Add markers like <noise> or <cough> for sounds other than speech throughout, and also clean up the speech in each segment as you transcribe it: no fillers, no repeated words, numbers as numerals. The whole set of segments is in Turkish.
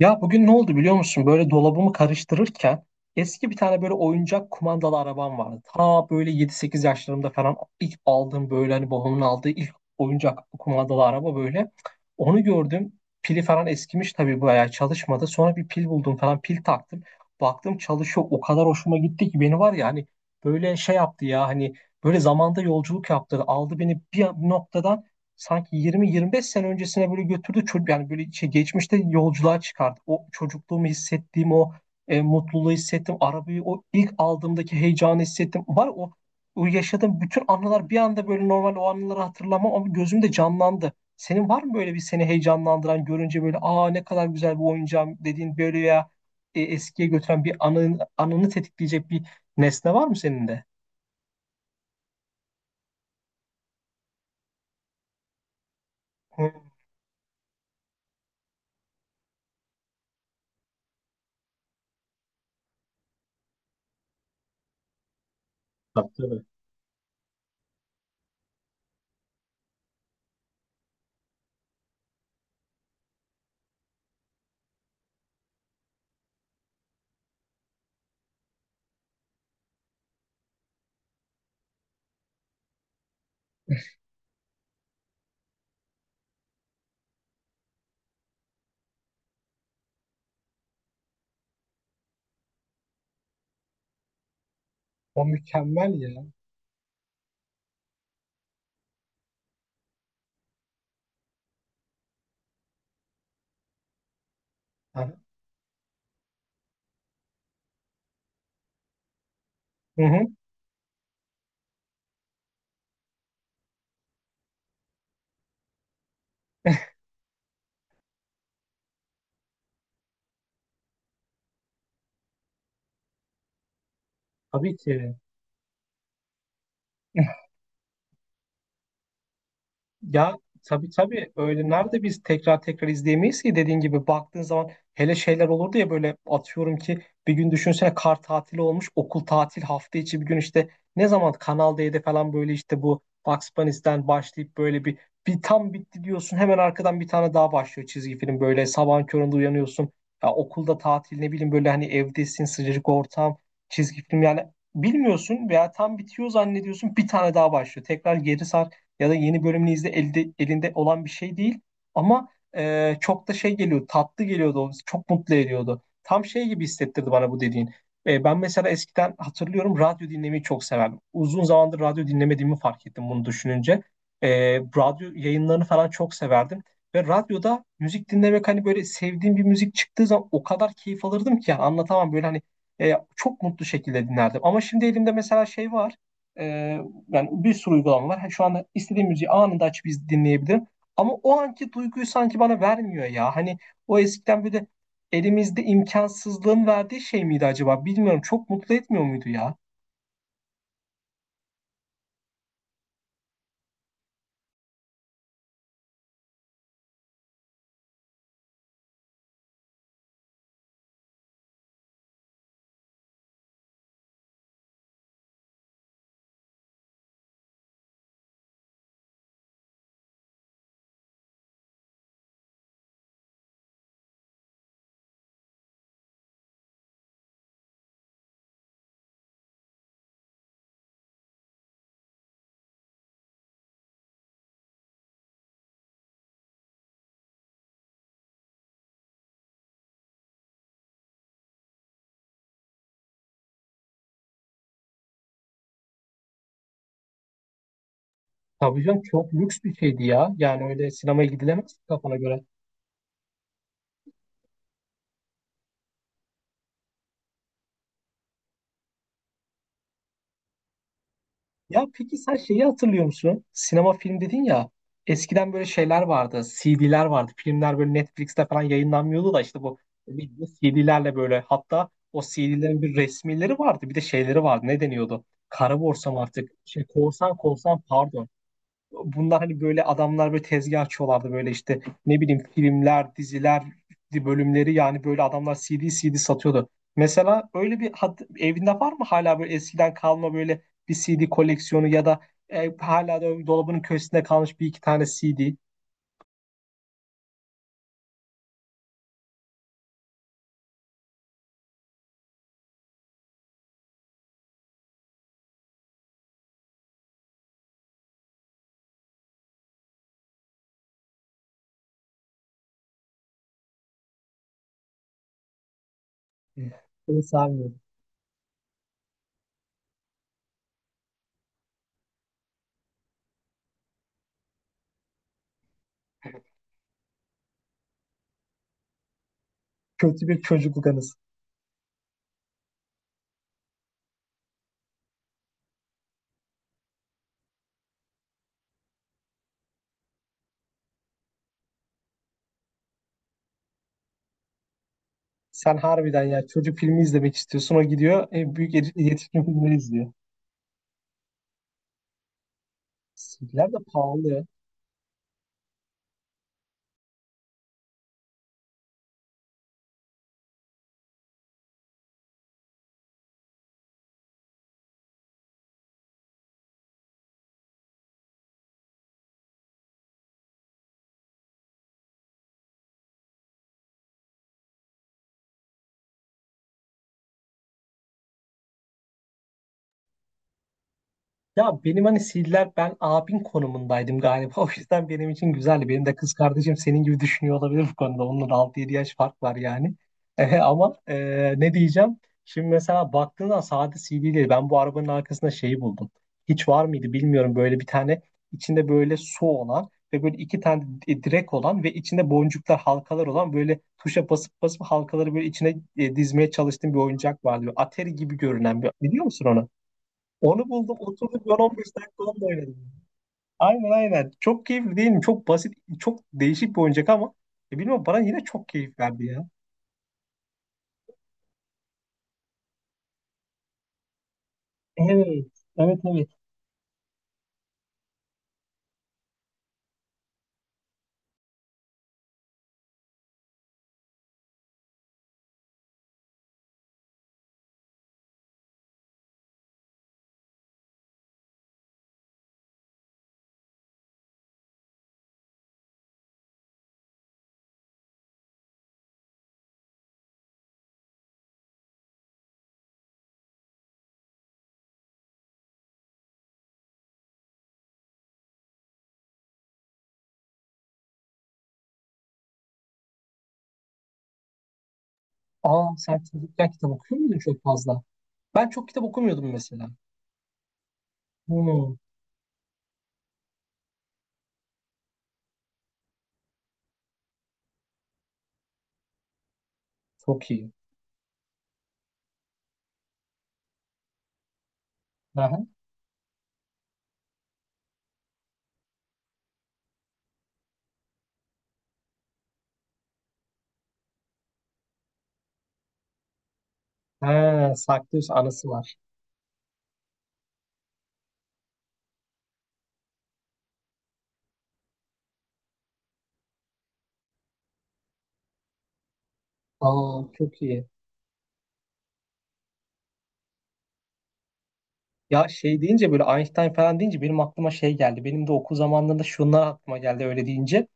Ya bugün ne oldu biliyor musun? Böyle dolabımı karıştırırken eski bir tane böyle oyuncak kumandalı arabam vardı. Ta böyle yedi sekiz yaşlarımda falan ilk aldığım böyle hani babamın aldığı ilk oyuncak kumandalı araba böyle. Onu gördüm. Pili falan eskimiş tabii bayağı çalışmadı. Sonra bir pil buldum falan pil taktım. Baktım çalışıyor. O kadar hoşuma gitti ki beni var ya hani böyle şey yaptı ya hani böyle zamanda yolculuk yaptı. Aldı beni bir noktadan sanki 20-25 sene öncesine böyle götürdü çocuk yani böyle şey geçmişte yolculuğa çıkardı. O çocukluğumu hissettiğim o mutluluğu hissettim. Arabayı o ilk aldığımdaki heyecanı hissettim. Var o yaşadığım bütün anılar bir anda böyle normal o anıları hatırlamam ama gözümde canlandı. Senin var mı böyle bir seni heyecanlandıran görünce böyle aa ne kadar güzel bu oyuncağım dediğin böyle ya eskiye götüren bir anını tetikleyecek bir nesne var mı senin de? Hı, tabii tabii. O mükemmel ya. Yani hı hı, tabii ki. Ya tabii tabii öyle nerede biz tekrar tekrar izleyemeyiz ki dediğin gibi baktığın zaman hele şeyler olurdu ya böyle atıyorum ki bir gün düşünsene kar tatili olmuş okul tatil hafta içi bir gün işte ne zaman Kanal D'de falan böyle işte bu Bugs Bunny'den başlayıp böyle bir tam bitti diyorsun hemen arkadan bir tane daha başlıyor çizgi film böyle sabahın köründe uyanıyorsun ya okulda tatil ne bileyim böyle hani evdesin sıcacık ortam çizgi film yani bilmiyorsun veya tam bitiyor zannediyorsun bir tane daha başlıyor tekrar geri sarkıyor ya da yeni bölümünü izle elinde olan bir şey değil. Ama çok da şey geliyor, tatlı geliyordu, çok mutlu ediyordu. Tam şey gibi hissettirdi bana bu dediğin. Ben mesela eskiden hatırlıyorum radyo dinlemeyi çok severdim. Uzun zamandır radyo dinlemediğimi fark ettim bunu düşününce. Radyo yayınlarını falan çok severdim. Ve radyoda müzik dinlemek hani böyle sevdiğim bir müzik çıktığı zaman o kadar keyif alırdım ki yani anlatamam böyle hani çok mutlu şekilde dinlerdim. Ama şimdi elimde mesela şey var. E, Yani bir sürü uygulama var. Şu anda istediğim müziği anında açıp dinleyebilirim. Ama o anki duyguyu sanki bana vermiyor ya. Hani o eskiden böyle elimizde imkansızlığın verdiği şey miydi acaba? Bilmiyorum. Çok mutlu etmiyor muydu ya? Tabii canım çok lüks bir şeydi ya. Yani öyle sinemaya gidilemez kafana göre. Ya peki sen şeyi hatırlıyor musun? Sinema film dedin ya. Eskiden böyle şeyler vardı. CD'ler vardı. Filmler böyle Netflix'te falan yayınlanmıyordu da işte bu video CD'lerle böyle hatta o CD'lerin bir resmileri vardı. Bir de şeyleri vardı. Ne deniyordu? Kara borsa mı artık? Şey, korsan korsan pardon, bunlar hani böyle adamlar böyle tezgah açıyorlardı böyle işte ne bileyim filmler, diziler bölümleri yani böyle adamlar CD CD satıyordu. Mesela öyle bir evinde var mı hala böyle eskiden kalma böyle bir CD koleksiyonu ya da hala da dolabının köşesinde kalmış bir iki tane CD? Seni sarmıyorum. Kötü bir çocukluk anısı. Sen harbiden ya çocuk filmi izlemek istiyorsun. O gidiyor büyük yetişkin filmleri izliyor. CD'ler de pahalı. Ya benim hani CD'ler ben abin konumundaydım galiba. <laughs> O yüzden benim için güzeldi. Benim de kız kardeşim senin gibi düşünüyor olabilir bu konuda. Onunla da 6-7 yaş fark var yani. <laughs> Eh, ama eh, ne diyeceğim? Şimdi mesela baktığında sade CD değil. Ben bu arabanın arkasında şeyi buldum. Hiç var mıydı bilmiyorum. Böyle bir tane içinde böyle su olan ve böyle iki tane direk olan ve içinde boncuklar halkalar olan böyle tuşa basıp basıp halkaları böyle içine eh, dizmeye çalıştığım bir oyuncak vardı. Böyle Atari gibi görünen bir, biliyor musun onu? Onu buldum oturduk ben 15 dakika onunla oynadım. Aynen aynen. Çok keyifli değil mi? Çok basit, çok değişik bir oyuncak ama bilmiyorum bana yine çok keyif verdi ya. Evet, evet, evet. Aa sen çocukken kitap okuyor muydun çok fazla? Ben çok kitap okumuyordum mesela. Hmm, çok iyi. Aha. Ha, saklıyorsa anısı var. Aa çok iyi. Ya şey deyince böyle Einstein falan deyince benim aklıma şey geldi. Benim de okul zamanlarında şunlar aklıma geldi öyle deyince.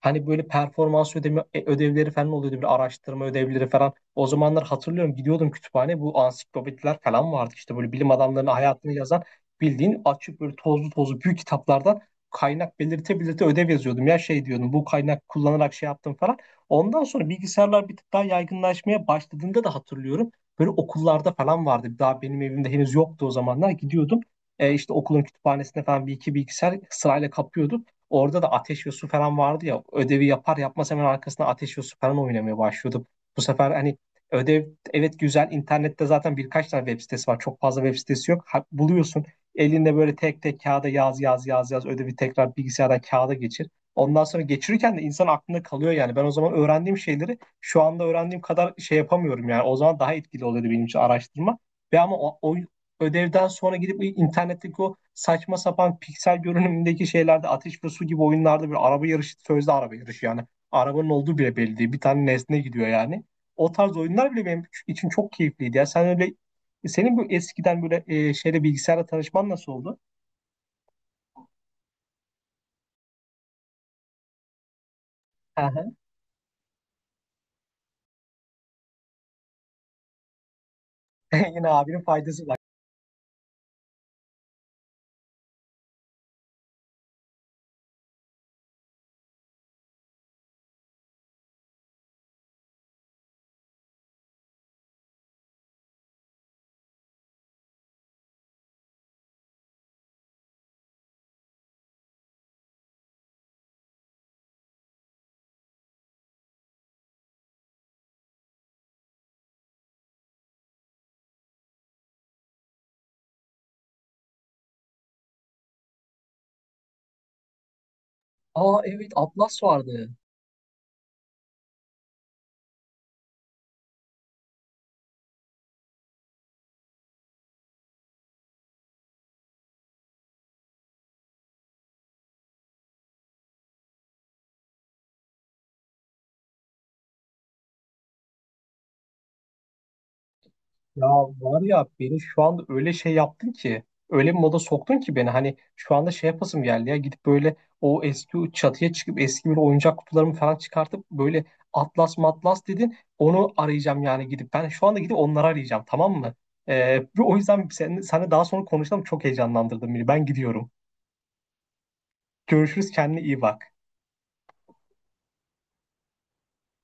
Hani böyle performans ödeme, ödevleri falan oluyordu. Bir araştırma ödevleri falan. O zamanlar hatırlıyorum gidiyordum kütüphane. Bu ansiklopediler falan vardı. İşte böyle bilim adamlarının hayatını yazan bildiğin açık böyle tozlu tozlu büyük kitaplardan kaynak belirte belirte ödev yazıyordum. Ya şey diyordum bu kaynak kullanarak şey yaptım falan. Ondan sonra bilgisayarlar bir tık daha yaygınlaşmaya başladığında da hatırlıyorum. Böyle okullarda falan vardı. Daha benim evimde henüz yoktu o zamanlar. Gidiyordum. İşte okulun kütüphanesinde falan bir iki bilgisayar sırayla kapıyordum. Orada da ateş ve su falan vardı ya. Ödevi yapar yapmaz hemen arkasına ateş ve su falan oynamaya başlıyordum. Bu sefer hani ödev, evet güzel. İnternette zaten birkaç tane web sitesi var. Çok fazla web sitesi yok. Ha, buluyorsun. Elinde böyle tek tek kağıda yaz yaz yaz yaz ödevi tekrar bilgisayardan kağıda geçir. Ondan sonra geçirirken de insan aklında kalıyor yani. Ben o zaman öğrendiğim şeyleri şu anda öğrendiğim kadar şey yapamıyorum yani. O zaman daha etkili oluyordu benim için araştırma. Ve ama o ödevden sonra gidip internetteki o saçma sapan piksel görünümündeki şeylerde ateş ve su gibi oyunlarda bir araba yarışı sözde araba yarışı yani. Arabanın olduğu bile belli değil. Bir tane nesne gidiyor yani. O tarz oyunlar bile benim için çok keyifliydi. Ya sen öyle senin bu eskiden böyle şeyle bilgisayarla tanışman nasıl oldu? Hı hı. <laughs> Yine abinin faydası var. Aa evet Atlas vardı. Ya var ya beni şu anda öyle şey yaptın ki öyle bir moda soktun ki beni hani şu anda şey yapasım geldi ya gidip böyle o eski o çatıya çıkıp eski bir oyuncak kutularımı falan çıkartıp böyle atlas matlas dedin onu arayacağım yani gidip ben şu anda gidip onları arayacağım tamam mı? O yüzden seninle daha sonra konuşalım çok heyecanlandırdın beni ben gidiyorum. Görüşürüz kendine iyi bak.